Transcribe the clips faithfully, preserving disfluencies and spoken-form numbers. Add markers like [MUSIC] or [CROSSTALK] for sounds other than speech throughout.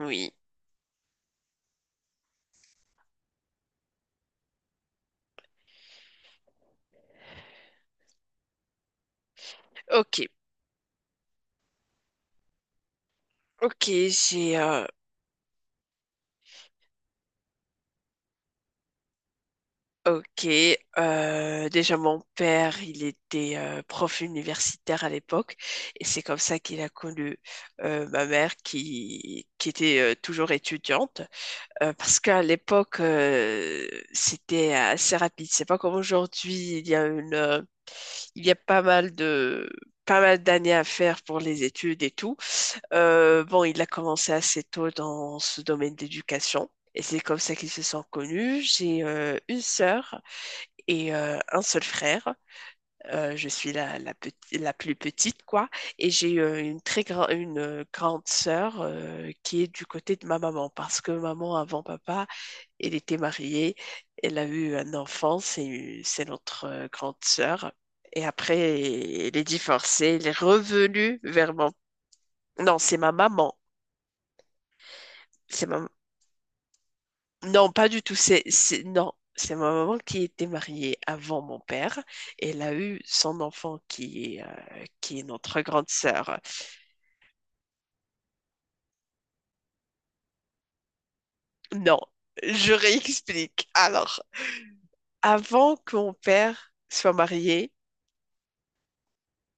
Oui. Ok. Ok, j'ai... euh, ok. euh, déjà, mon père, il était euh, prof universitaire à l'époque. Et c'est comme ça qu'il a connu euh, ma mère qui, qui était euh, toujours étudiante. Euh, parce qu'à l'époque, euh, c'était assez rapide. C'est pas comme aujourd'hui. Il y a une, euh, il y a pas mal de... pas mal d'années à faire pour les études et tout. Euh, bon, il a commencé assez tôt dans ce domaine d'éducation et c'est comme ça qu'ils se sont connus. J'ai euh, une sœur et euh, un seul frère. Euh, je suis la, la, petit- la plus petite, quoi. Et j'ai euh, une très grande une euh, grande sœur euh, qui est du côté de ma maman parce que maman, avant papa, elle était mariée. Elle a eu un enfant, c'est c'est notre euh, grande sœur. Et après, elle est divorcée, elle est revenue vers mon... Non, c'est ma maman. C'est ma Non, pas du tout. C'est, c'est, non, C'est ma maman qui était mariée avant mon père. Elle a eu son enfant qui est, euh, qui est notre grande sœur. Non, je réexplique. Alors, avant que mon père soit marié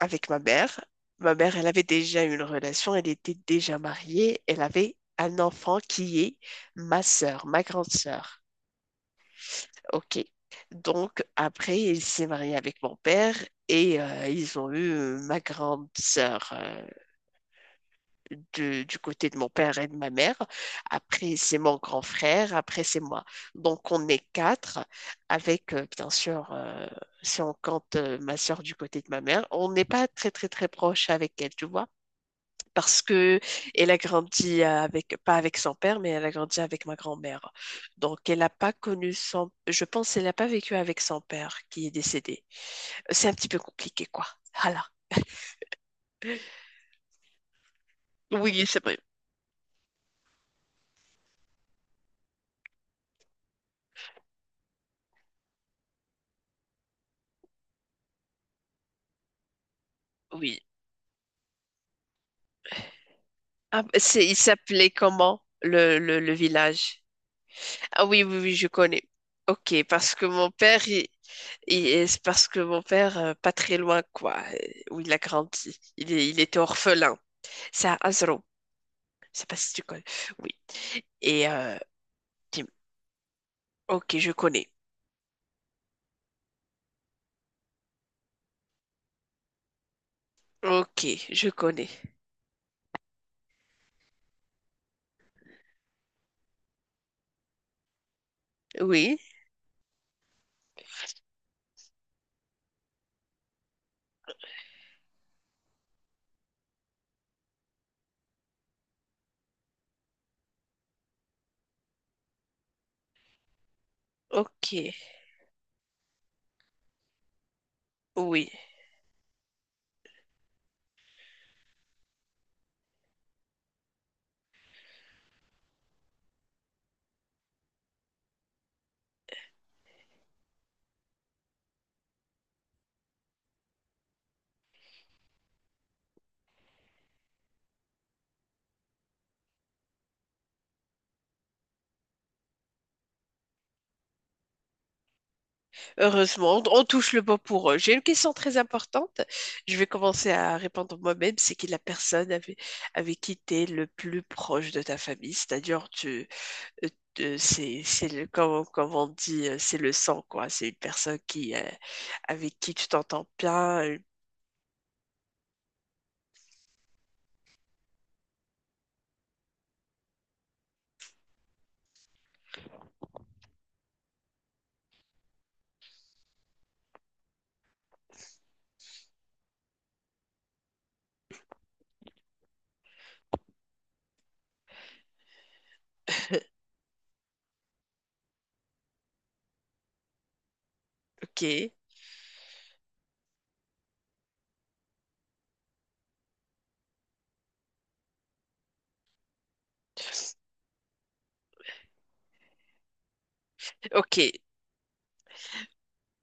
avec ma mère, ma mère, elle avait déjà une relation. Elle était déjà mariée. Elle avait un enfant qui est ma sœur, ma grande sœur. Ok. Donc, après, il s'est marié avec mon père et euh, ils ont eu euh, ma grande sœur euh, de- du côté de mon père et de ma mère. Après, c'est mon grand frère. Après, c'est moi. Donc, on est quatre avec, euh, bien sûr, euh, si on compte euh, ma sœur du côté de ma mère, on n'est pas très, très, très proche avec elle, tu vois parce que elle a grandi avec, pas avec son père, mais elle a grandi avec ma grand-mère. Donc, elle n'a pas connu son, je pense, elle n'a pas vécu avec son père qui est décédé. C'est un petit peu compliqué, quoi. Voilà. Oui, c'est vrai. Oui. Ah, c'est, il s'appelait comment le, le, le village? Ah oui, oui, oui, je connais. Ok, parce que mon père, il, il- c'est parce que mon père, euh, pas très loin, quoi, euh, où il a grandi, il, est- il était orphelin. C'est à Azro. Je sais pas si tu connais. Oui. Et euh, Tim. Ok, je connais. Ok, je connais. Oui, ok, oui. Heureusement, on touche le bon pour eux. J'ai une question très importante. Je vais commencer à répondre moi-même. C'est qui la personne avec, Avec qui tu es le plus proche de ta famille? C'est-à-dire, tu, euh, euh, c'est, c'est le, comme, comme on dit, euh, c'est le sang, quoi. C'est une personne qui, euh, avec qui tu t'entends bien. euh, Ok, ok.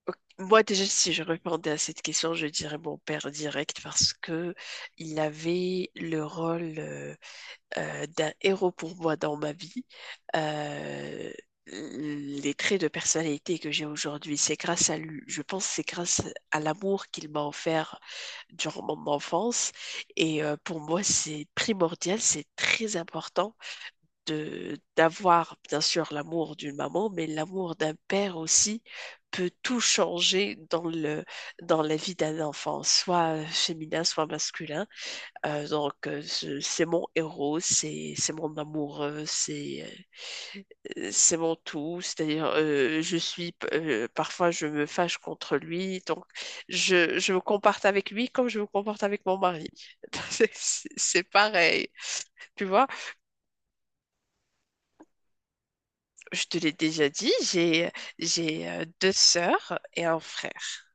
Ok, moi, déjà, si je répondais à cette question, je dirais mon père direct parce que il avait le rôle euh, euh, d'un héros pour moi dans ma vie. Euh, les traits de personnalité que j'ai aujourd'hui, c'est grâce à lui. Je pense que c'est grâce à l'amour qu'il m'a offert durant mon enfance. Et euh, pour moi, c'est primordial, c'est très important de d'avoir bien sûr l'amour d'une maman, mais l'amour d'un père aussi peut tout changer dans le dans la vie d'un enfant, soit féminin, soit masculin. Euh, donc euh, ce- c'est mon héros, c'est c'est mon amour, euh, c'est euh, c'est mon tout. C'est-à-dire euh, je suis euh, parfois je me fâche contre lui, donc je je me comporte avec lui comme je me comporte avec mon mari. [LAUGHS] C'est c'est pareil, tu vois. Je te l'ai déjà dit, j'ai j'ai euh, deux sœurs et un frère.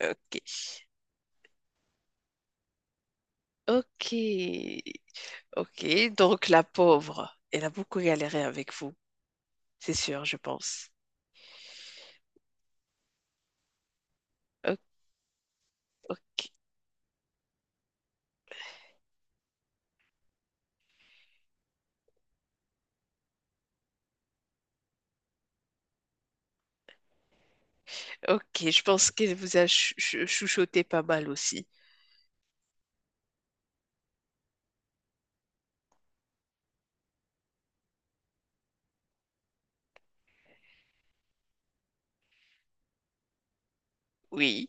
Ok, ok, ok. Donc la pauvre, elle a beaucoup galéré avec vous, c'est sûr, je pense. O- Ok, ok. Je pense qu'elle vous a chou- chou- chouchouté pas mal aussi. Oui,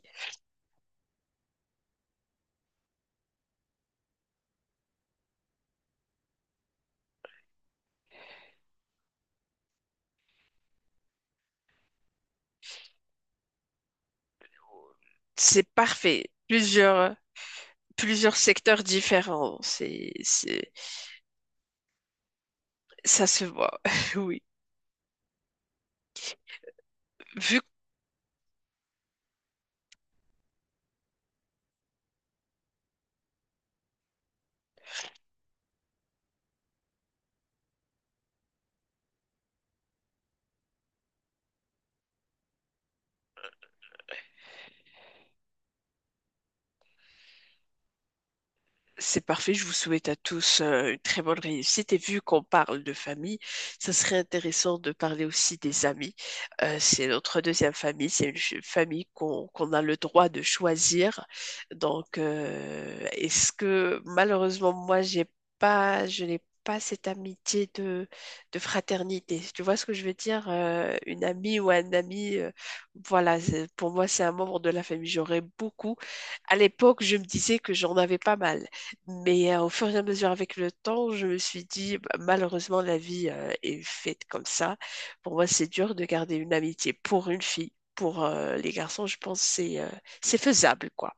c'est parfait. Plusieurs plusieurs secteurs différents, c'est c'est ça se voit. [LAUGHS] Oui. Vu C'est parfait, je vous souhaite à tous euh, une très bonne réussite. Et vu qu'on parle de famille, ça serait intéressant de parler aussi des amis. Euh, c'est notre deuxième famille, c'est une ch- famille qu'on qu'on a le droit de choisir. Donc, euh, est-ce que malheureusement, moi, j'ai pas, je n'ai pas cette amitié de, de fraternité. Tu vois ce que je veux dire? Euh, une amie ou un ami, euh, voilà, c'est- pour moi, c'est un membre de la famille. J'aurais beaucoup. À l'époque, je me disais que j'en avais pas mal. Mais euh, au fur et à mesure avec le temps, je me suis dit, bah, malheureusement, la vie euh, est faite comme ça. Pour moi, c'est dur de garder une amitié pour une fille. Pour euh, les garçons, je pense que c'est euh, c'est faisable, quoi.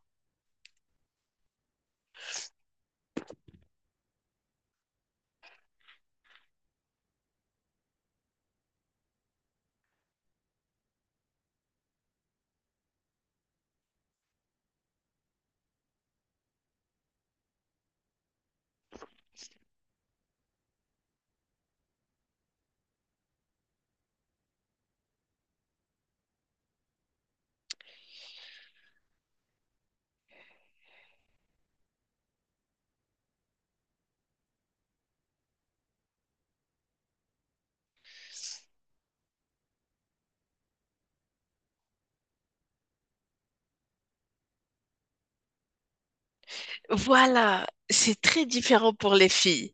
Voilà, c'est très différent pour les filles.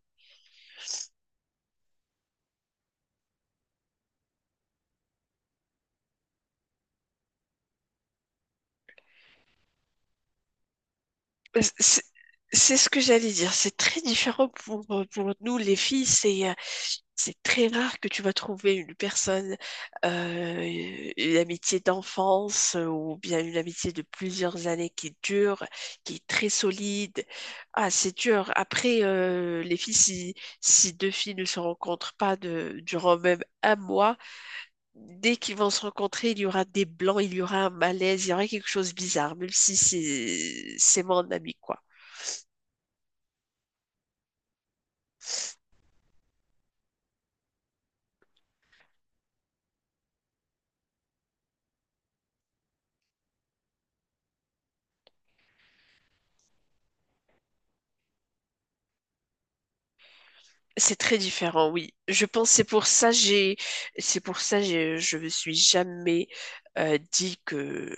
C'est c'est ce que j'allais dire. C'est très différent pour, euh, pour nous, les filles. C'est euh, c'est très rare que tu vas trouver une personne, euh, une amitié d'enfance euh, ou bien une amitié de plusieurs années qui dure, qui est très solide. Ah, c'est dur. Après, euh, les filles, si, si deux filles ne se rencontrent pas de, durant même un mois, dès qu'ils vont se rencontrer, il y aura des blancs, il y aura un malaise, il y aura quelque chose de bizarre, même si c'est c'est mon ami, quoi. C'est très différent, oui. Je pense que c'est pour ça j'ai c'est pour ça j'ai je me suis jamais euh, dit que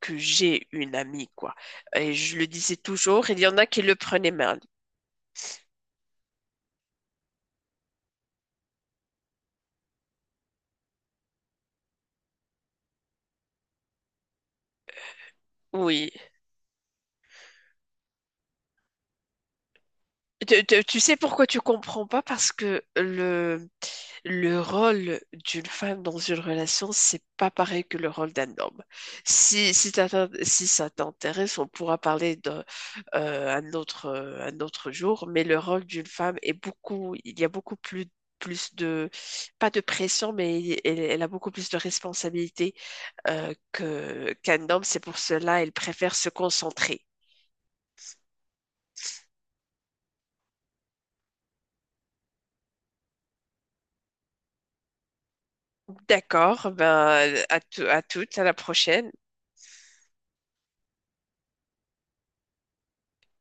que j'ai une amie quoi. Et je le disais toujours, il y en a qui le prenaient mal. Oui. Tu, tu- tu sais pourquoi tu comprends pas? Parce que le le rôle d'une femme dans une relation, c'est pas pareil que le rôle d'un homme. Si, si, t'attend- si ça t'intéresse, on pourra parler d'un un autre, euh, un autre jour, mais le rôle d'une femme est beaucoup, il y a beaucoup plus, plus de, pas de pression, mais il- elle, elle a beaucoup plus de responsabilités euh, que, qu'un homme. C'est pour cela elle préfère se concentrer. D'accord, ben, à, tou- à toutes, à la prochaine.